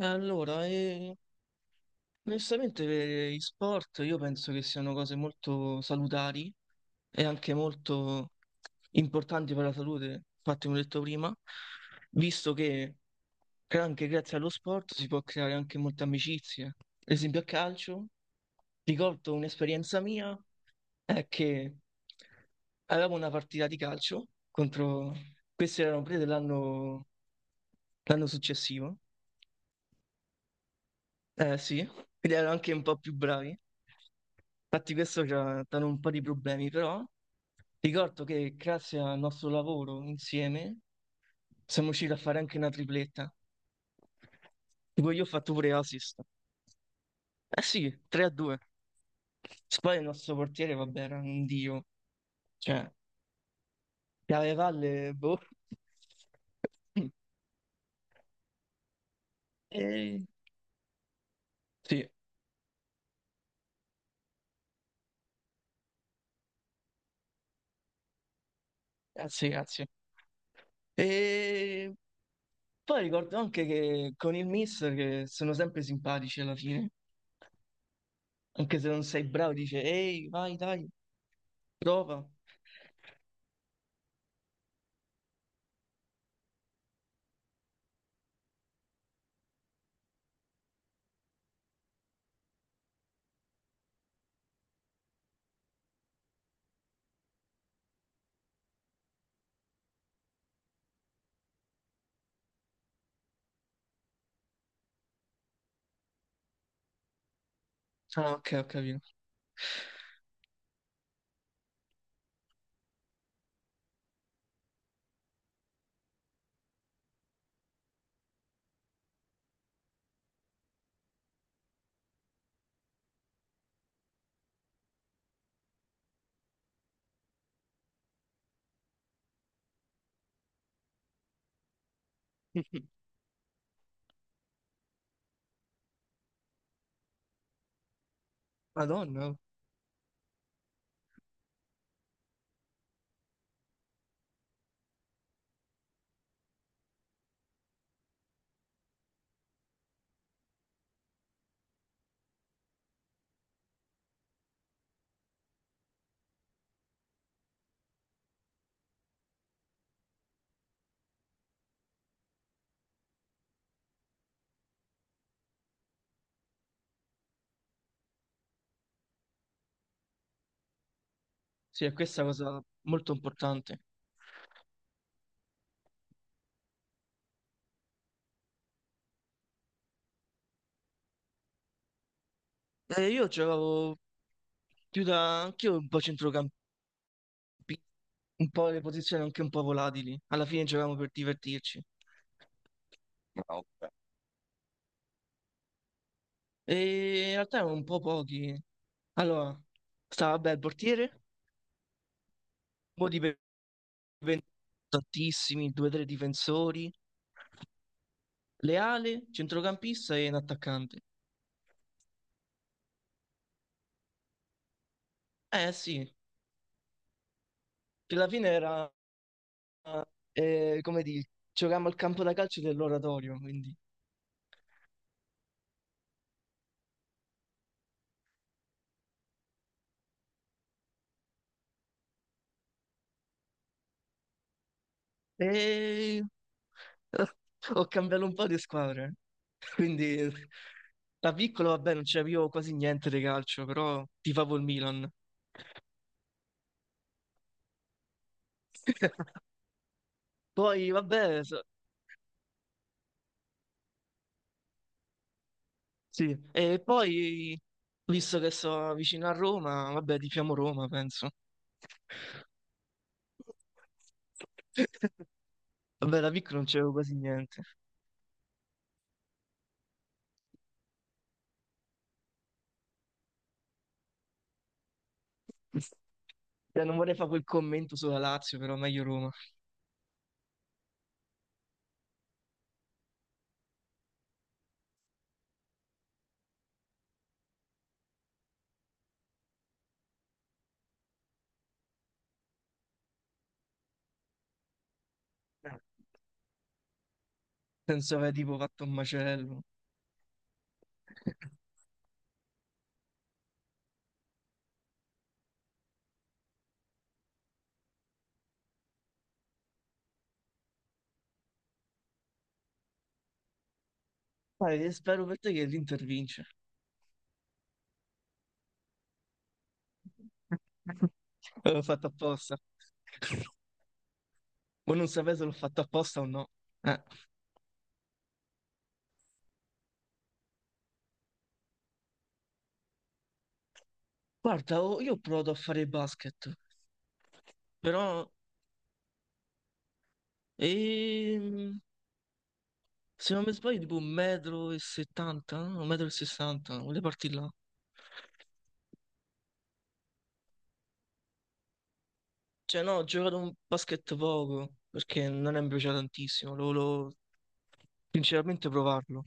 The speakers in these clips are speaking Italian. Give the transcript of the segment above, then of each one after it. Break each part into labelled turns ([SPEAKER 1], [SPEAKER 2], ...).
[SPEAKER 1] Allora, onestamente gli sport io penso che siano cose molto salutari e anche molto importanti per la salute. Infatti, come ho detto prima, visto che anche grazie allo sport si può creare anche molte amicizie. Ad esempio a calcio, ricordo un'esperienza mia, è che avevamo una partita di calcio contro, questi erano prese dell'anno l'anno successivo. Eh sì, quindi erano anche un po' più bravi. Infatti questo ci ha dato un po' di problemi, però ricordo che grazie al nostro lavoro insieme siamo riusciti a fare anche una tripletta. Tipo io ho fatto pure assist. Eh sì, 3 a 2. Poi il nostro portiere, vabbè, era un dio. Cioè, chiave valle, boh. E... Sì, grazie, grazie. E... Poi ricordo anche che con il mister, che sono sempre simpatici alla fine, anche se non sei bravo, dice ehi, vai, dai, prova. Ah, ok, ho capito. Madonna, oh. Sì, è questa cosa molto importante. Io giocavo più da anch'io un po' centrocampista, un po' le posizioni anche un po' volatili. Alla fine giocavamo per divertirci. Ah, ok. E in realtà erano un po' pochi. Allora, stava beh il portiere, Modi 20 tantissimi, due o tre difensori, Leale, centrocampista e un attaccante. Eh sì, che alla fine era, come dire, giocavamo al campo da calcio dell'oratorio, quindi... E... Ho cambiato un po' di squadre, quindi da piccolo vabbè non c'avevo quasi niente di calcio, però tifavo il Milan. Poi vabbè, sì, e poi visto che sono vicino a Roma, vabbè tifiamo Roma, penso. Vabbè, da piccolo non c'avevo quasi niente. Cioè, non vorrei fare quel commento sulla Lazio, però meglio Roma. Penso aver tipo fatto un macello. Dai, e spero per te che l'Inter vince. L'ho fatto apposta. Ma non sapevo se l'ho fatto apposta o no. Eh. Guarda, io ho provato a fare basket, però ehm, se non mi sbaglio tipo 1,70 m, no? 1,60 m, volevo partire là. Cioè, no, ho giocato un basket poco perché non è mi piace tantissimo. Lo volevo sinceramente provarlo.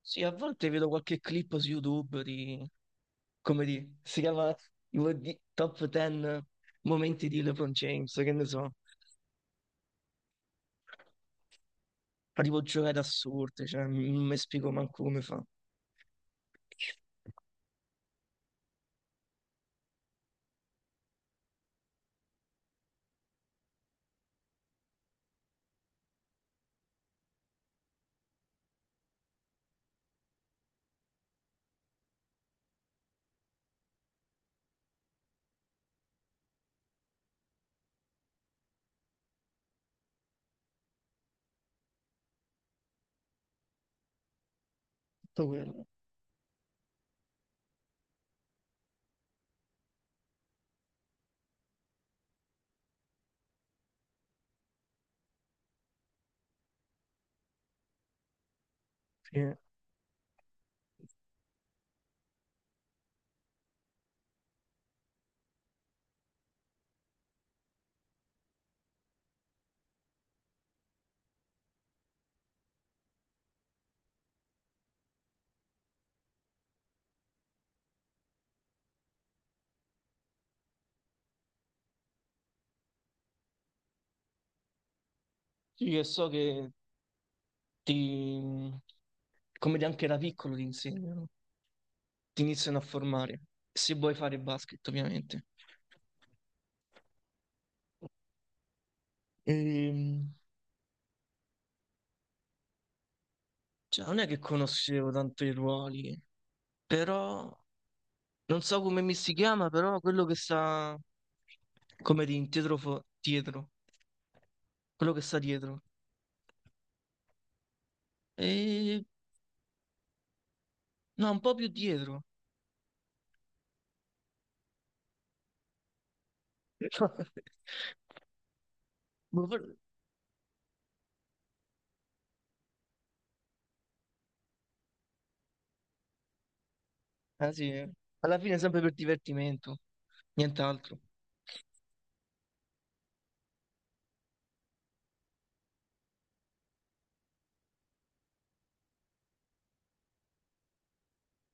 [SPEAKER 1] Sì, a volte vedo qualche clip su YouTube di, come di, si chiama tipo Top 10 momenti di LeBron James, che ne so. Fa tipo giocate assurde, cioè, non mi spiego manco come fa. Tutto quello. Sì. Sì, e so che ti, come di, anche da piccolo ti insegnano, ti iniziano a formare, se vuoi fare basket, ovviamente. Ehm, cioè, non è che conoscevo tanto i ruoli, però non so come mi si chiama, però quello che sta come di dietro, dietro, quello che sta dietro. E no, un po' più dietro. Boh. Ah sì, eh. Alla fine è sempre per divertimento, nient'altro.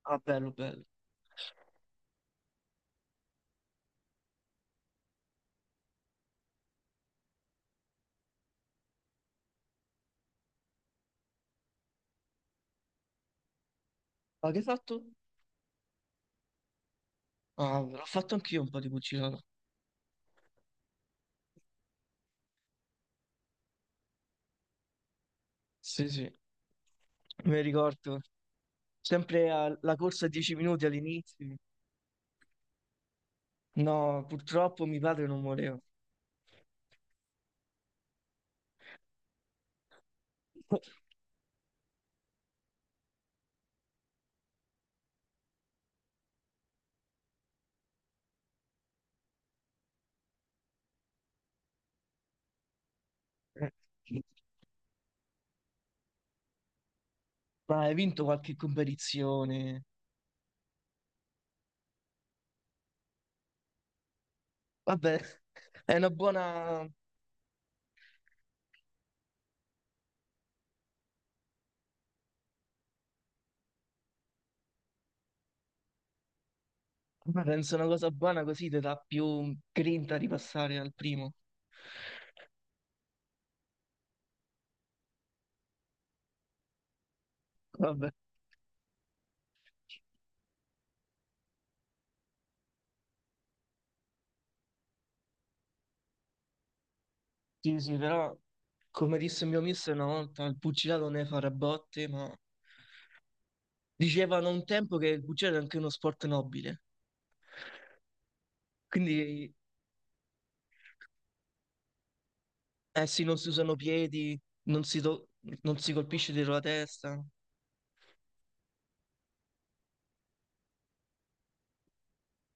[SPEAKER 1] Ah, bello, bello. Ma che hai fatto? Ah, l'ho fatto anch'io un po' di pugilato. Sì, sì, me ricordo. Sempre alla corsa a 10 minuti all'inizio. No, purtroppo mio padre non voleva. Eh, ma hai vinto qualche competizione? Vabbè, è una buona... Vabbè, penso una cosa buona così ti dà più grinta di passare al primo. Vabbè, sì, sì, però come disse il mio mister una volta, il pugilato ne fa a botte, ma dicevano un tempo che il pugilato è anche uno sport nobile. Quindi, eh sì, non si usano piedi, non si, to- non si colpisce dietro la testa.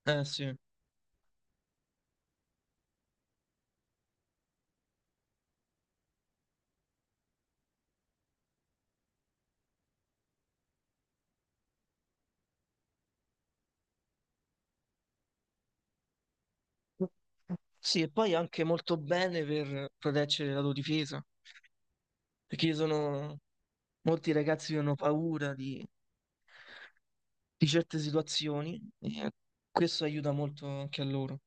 [SPEAKER 1] Eh sì. Sì, e poi anche molto bene per proteggere la tua difesa, perché ci sono molti ragazzi che hanno paura di certe situazioni e questo aiuta molto anche a loro.